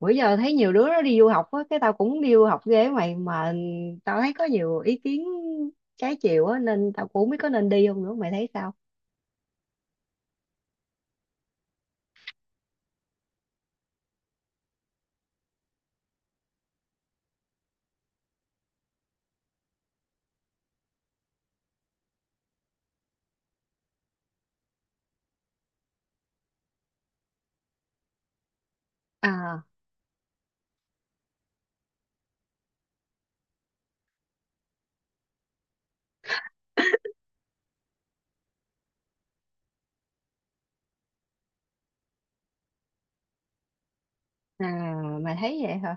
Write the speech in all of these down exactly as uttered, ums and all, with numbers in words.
Bữa giờ thấy nhiều đứa nó đi du học á, cái tao cũng đi du học ghê mày. Mà tao thấy có nhiều ý kiến trái chiều á, nên tao cũng không biết có nên đi không nữa. Mày thấy sao? À. À, mày thấy vậy hả?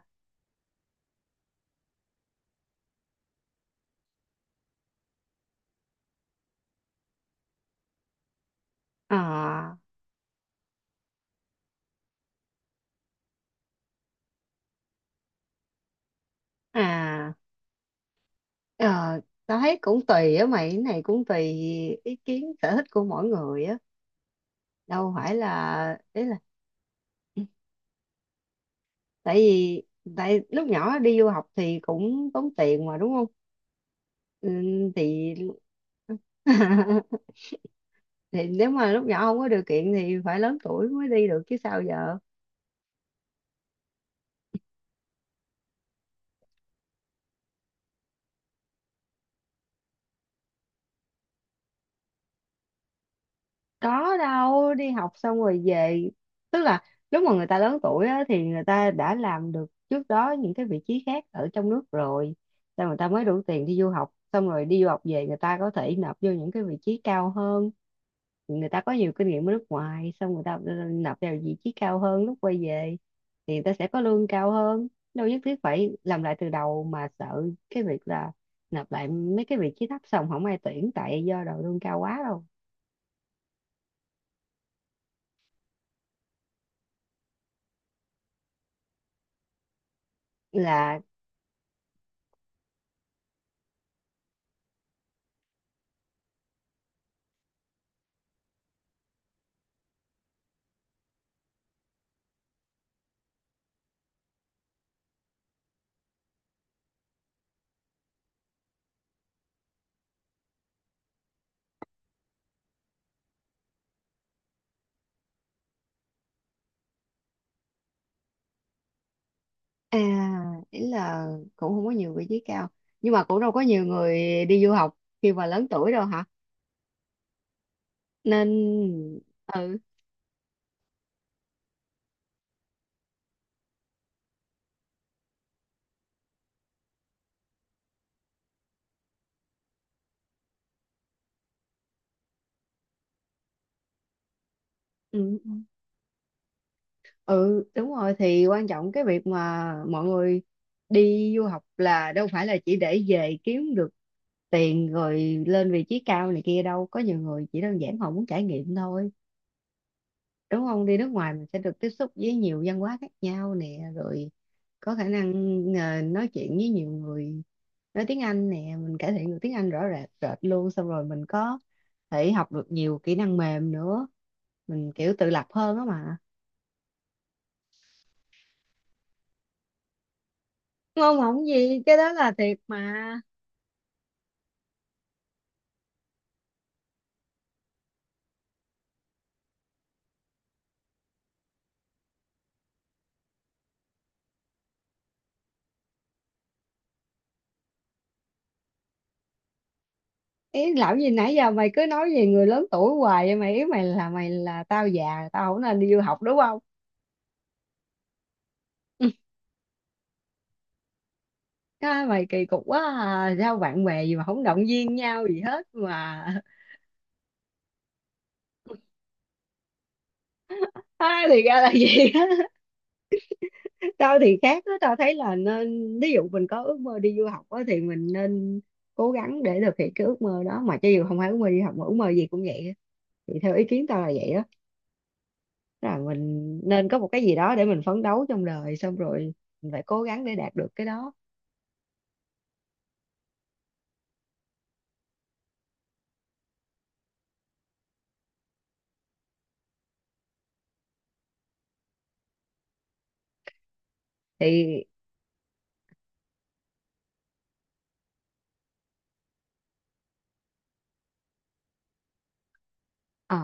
À. À. ờ, Tao thấy cũng tùy á mày, cái này cũng tùy ý kiến sở thích của mỗi người á. Đâu phải là ý là tại vì tại lúc nhỏ đi du học thì cũng tốn tiền mà đúng không? Ừ, thì thì nếu mà lúc nhỏ không có điều kiện thì phải lớn tuổi mới đi được chứ sao giờ. Có đâu, đi học xong rồi về. Tức là lúc mà người ta lớn tuổi á, thì người ta đã làm được trước đó những cái vị trí khác ở trong nước rồi, xong người ta mới đủ tiền đi du học. Xong rồi đi du học về, người ta có thể nộp vô những cái vị trí cao hơn. Người ta có nhiều kinh nghiệm ở nước ngoài, xong người ta nộp vào vị trí cao hơn lúc quay về thì người ta sẽ có lương cao hơn. Đâu nhất thiết phải làm lại từ đầu mà sợ cái việc là nộp lại mấy cái vị trí thấp xong không ai tuyển tại do đầu lương cao quá đâu. Là à, ý là cũng không có nhiều vị trí cao, nhưng mà cũng đâu có nhiều người đi du học khi mà lớn tuổi đâu hả, nên ừ. Ừ. Ừ, đúng rồi, thì quan trọng cái việc mà mọi người đi du học là đâu phải là chỉ để về kiếm được tiền rồi lên vị trí cao này kia đâu, có nhiều người chỉ đơn giản họ muốn trải nghiệm thôi, đúng không? Đi nước ngoài mình sẽ được tiếp xúc với nhiều văn hóa khác nhau nè, rồi có khả năng ờ, nói chuyện với nhiều người, nói tiếng Anh nè, mình cải thiện được tiếng Anh rõ rệt rệt luôn. Xong rồi mình có thể học được nhiều kỹ năng mềm nữa, mình kiểu tự lập hơn á mà. Ngon ngọng gì, cái đó là thiệt mà. Ý lão gì nãy giờ mày cứ nói về người lớn tuổi hoài vậy mày? Ý mày là mày là tao già tao không nên đi du học đúng không? Cái mày kỳ cục quá à. Sao bạn bè gì mà không động viên nhau gì hết mà. À, thì ra là vậy á. Tao thì khác á, tao thấy là nên, ví dụ mình có ước mơ đi du học á thì mình nên cố gắng để thực hiện cái ước mơ đó mà, cho dù không phải ước mơ đi học mà ước mơ gì cũng vậy á. Thì theo ý kiến tao là vậy á. Tức là mình nên có một cái gì đó để mình phấn đấu trong đời, xong rồi mình phải cố gắng để đạt được cái đó. Thì ờ,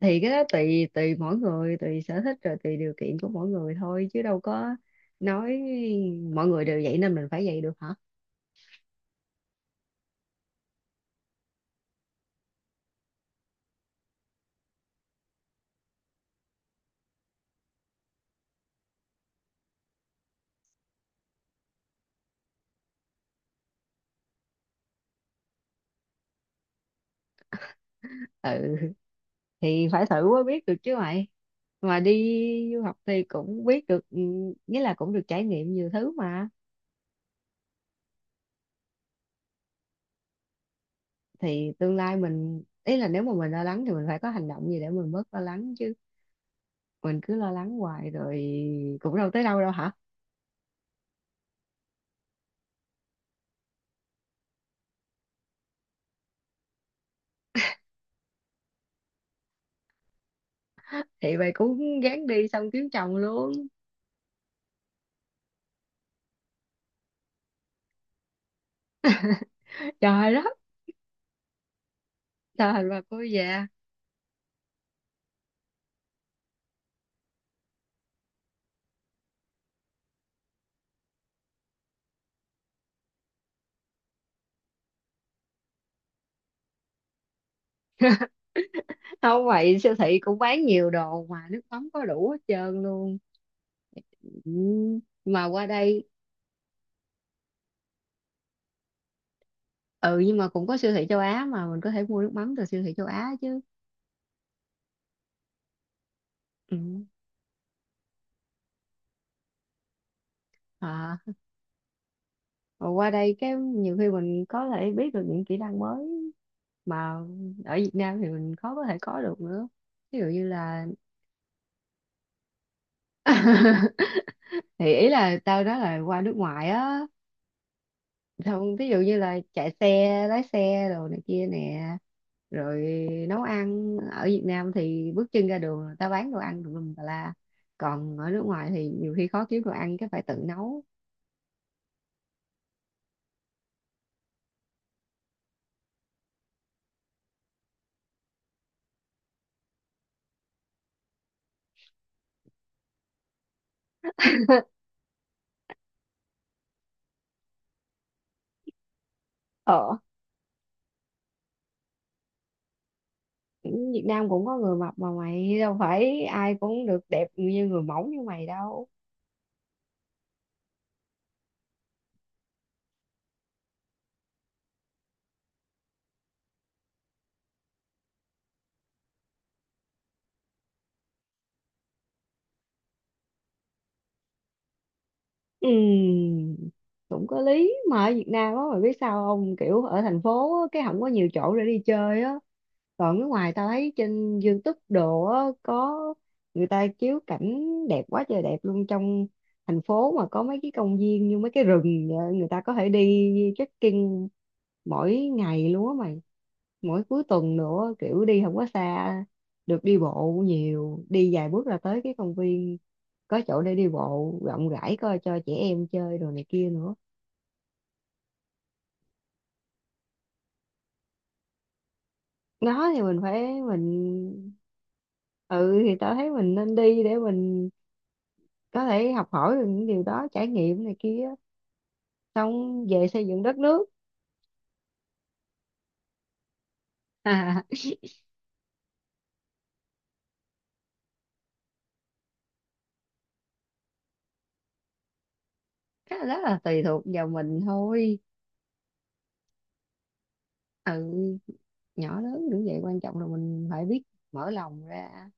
thì cái đó tùy tùy mỗi người, tùy sở thích, rồi tùy điều kiện của mỗi người thôi chứ đâu có nói mọi người đều vậy nên mình phải vậy được hả. Ừ, thì phải thử mới biết được chứ mày. Mà đi du học thì cũng biết được, ừ, nghĩa là cũng được trải nghiệm nhiều thứ mà. Thì tương lai mình, ý là nếu mà mình lo lắng thì mình phải có hành động gì để mình bớt lo lắng chứ, mình cứ lo lắng hoài rồi cũng đâu tới đâu đâu hả. Thì mày cũng gán đi xong kiếm chồng luôn. Trời đất, sao thành bà cô già. Không vậy, siêu thị cũng bán nhiều đồ mà, nước mắm có đủ hết trơn luôn. Ừ, mà qua đây. Ừ, nhưng mà cũng có siêu thị châu Á mà, mình có thể mua nước mắm từ siêu thị châu Á chứ. Ừ. À, mà qua đây cái nhiều khi mình có thể biết được những kỹ năng mới mà ở Việt Nam thì mình khó có thể có được nữa. Ví dụ như là thì ý là tao nói là qua nước ngoài á, không, ví dụ như là chạy xe, lái xe đồ này kia nè, rồi nấu ăn. Ở Việt Nam thì bước chân ra đường là tao bán đồ ăn tùm lum tà la. Còn ở nước ngoài thì nhiều khi khó kiếm đồ ăn cái phải tự nấu. Ờ. Việt Nam cũng có người mập mà mày, đâu phải ai cũng được đẹp như người mẫu như mày đâu. Ừm, cũng có lý mà, ở Việt Nam á mày biết sao không, kiểu ở thành phố á, cái không có nhiều chỗ để đi chơi á. Còn nước ngoài tao thấy trên YouTube đồ á, có người ta chiếu cảnh đẹp quá trời đẹp luôn. Trong thành phố mà có mấy cái công viên như mấy cái rừng vậy, người ta có thể đi trekking mỗi ngày luôn á mày, mỗi cuối tuần nữa, kiểu đi không có xa, được đi bộ nhiều, đi vài bước là tới cái công viên, có chỗ để đi bộ rộng rãi coi cho trẻ em chơi đồ này kia nữa. Đó thì mình phải mình ừ thì tao thấy mình nên đi để mình có thể học hỏi được những điều đó, trải nghiệm này kia, xong về xây dựng đất nước. À, cái đó là tùy thuộc vào mình thôi. Ừ, nhỏ lớn cũng vậy, quan trọng là mình phải biết mở lòng ra,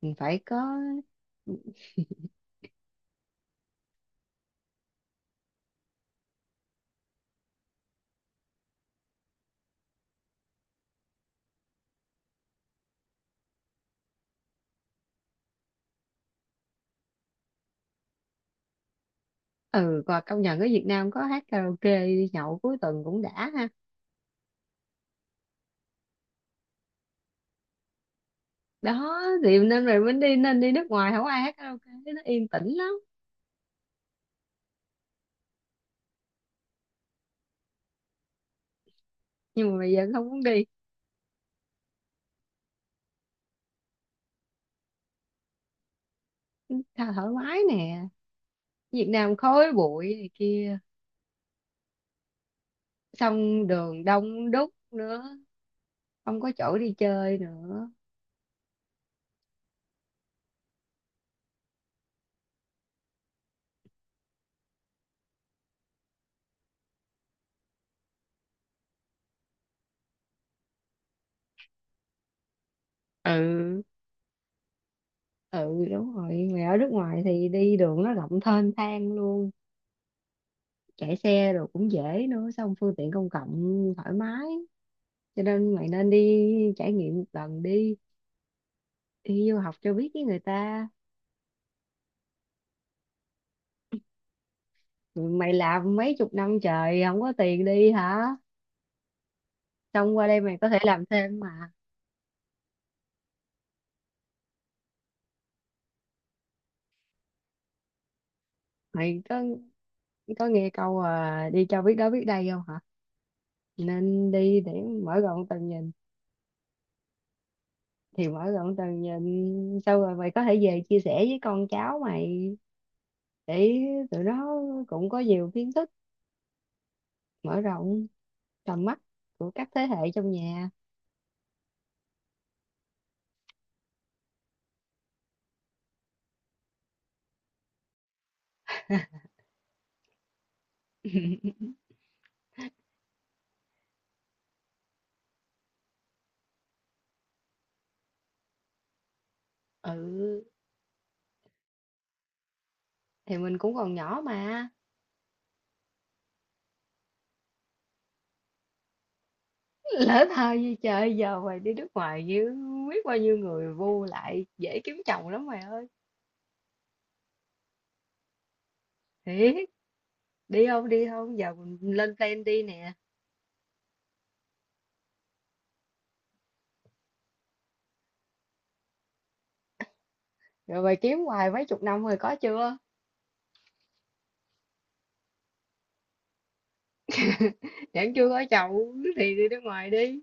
mình phải có ừ và công nhận ở Việt Nam có hát karaoke đi nhậu cuối tuần cũng đã ha. Đó thì nên, rồi mình đi, nên đi nước ngoài không ai hát karaoke, nó yên tĩnh lắm. Nhưng mà bây giờ không muốn đi. Tha thoải mái nè, Việt Nam khói bụi này kia, xong đường đông đúc nữa, không có chỗ đi chơi nữa. Ừ. Ừ đúng rồi, mày ở nước ngoài thì đi đường nó rộng thênh thang luôn, chạy xe rồi cũng dễ nữa, xong phương tiện công cộng thoải mái, cho nên mày nên đi trải nghiệm một lần đi, đi du học cho biết với người ta. Ừ, mày làm mấy chục năm trời không có tiền đi hả, xong qua đây mày có thể làm thêm mà. Mày có có nghe câu à, đi cho biết đó biết đây không hả, nên đi để mở rộng tầm nhìn. Thì mở rộng tầm nhìn sau rồi mày có thể về chia sẻ với con cháu mày, để tụi nó cũng có nhiều kiến thức, mở rộng tầm mắt của các thế hệ trong nhà. Ừ, thì mình cũng còn nhỏ mà. Lỡ thơ như trời giờ, mày đi nước ngoài như biết bao nhiêu người vô lại, dễ kiếm chồng lắm mày ơi. Thiệt. Đi không, đi không, giờ mình lên plan đi nè. Rồi mày kiếm hoài mấy chục năm rồi có chưa? Chẳng chưa có chồng thì đi nước ngoài đi.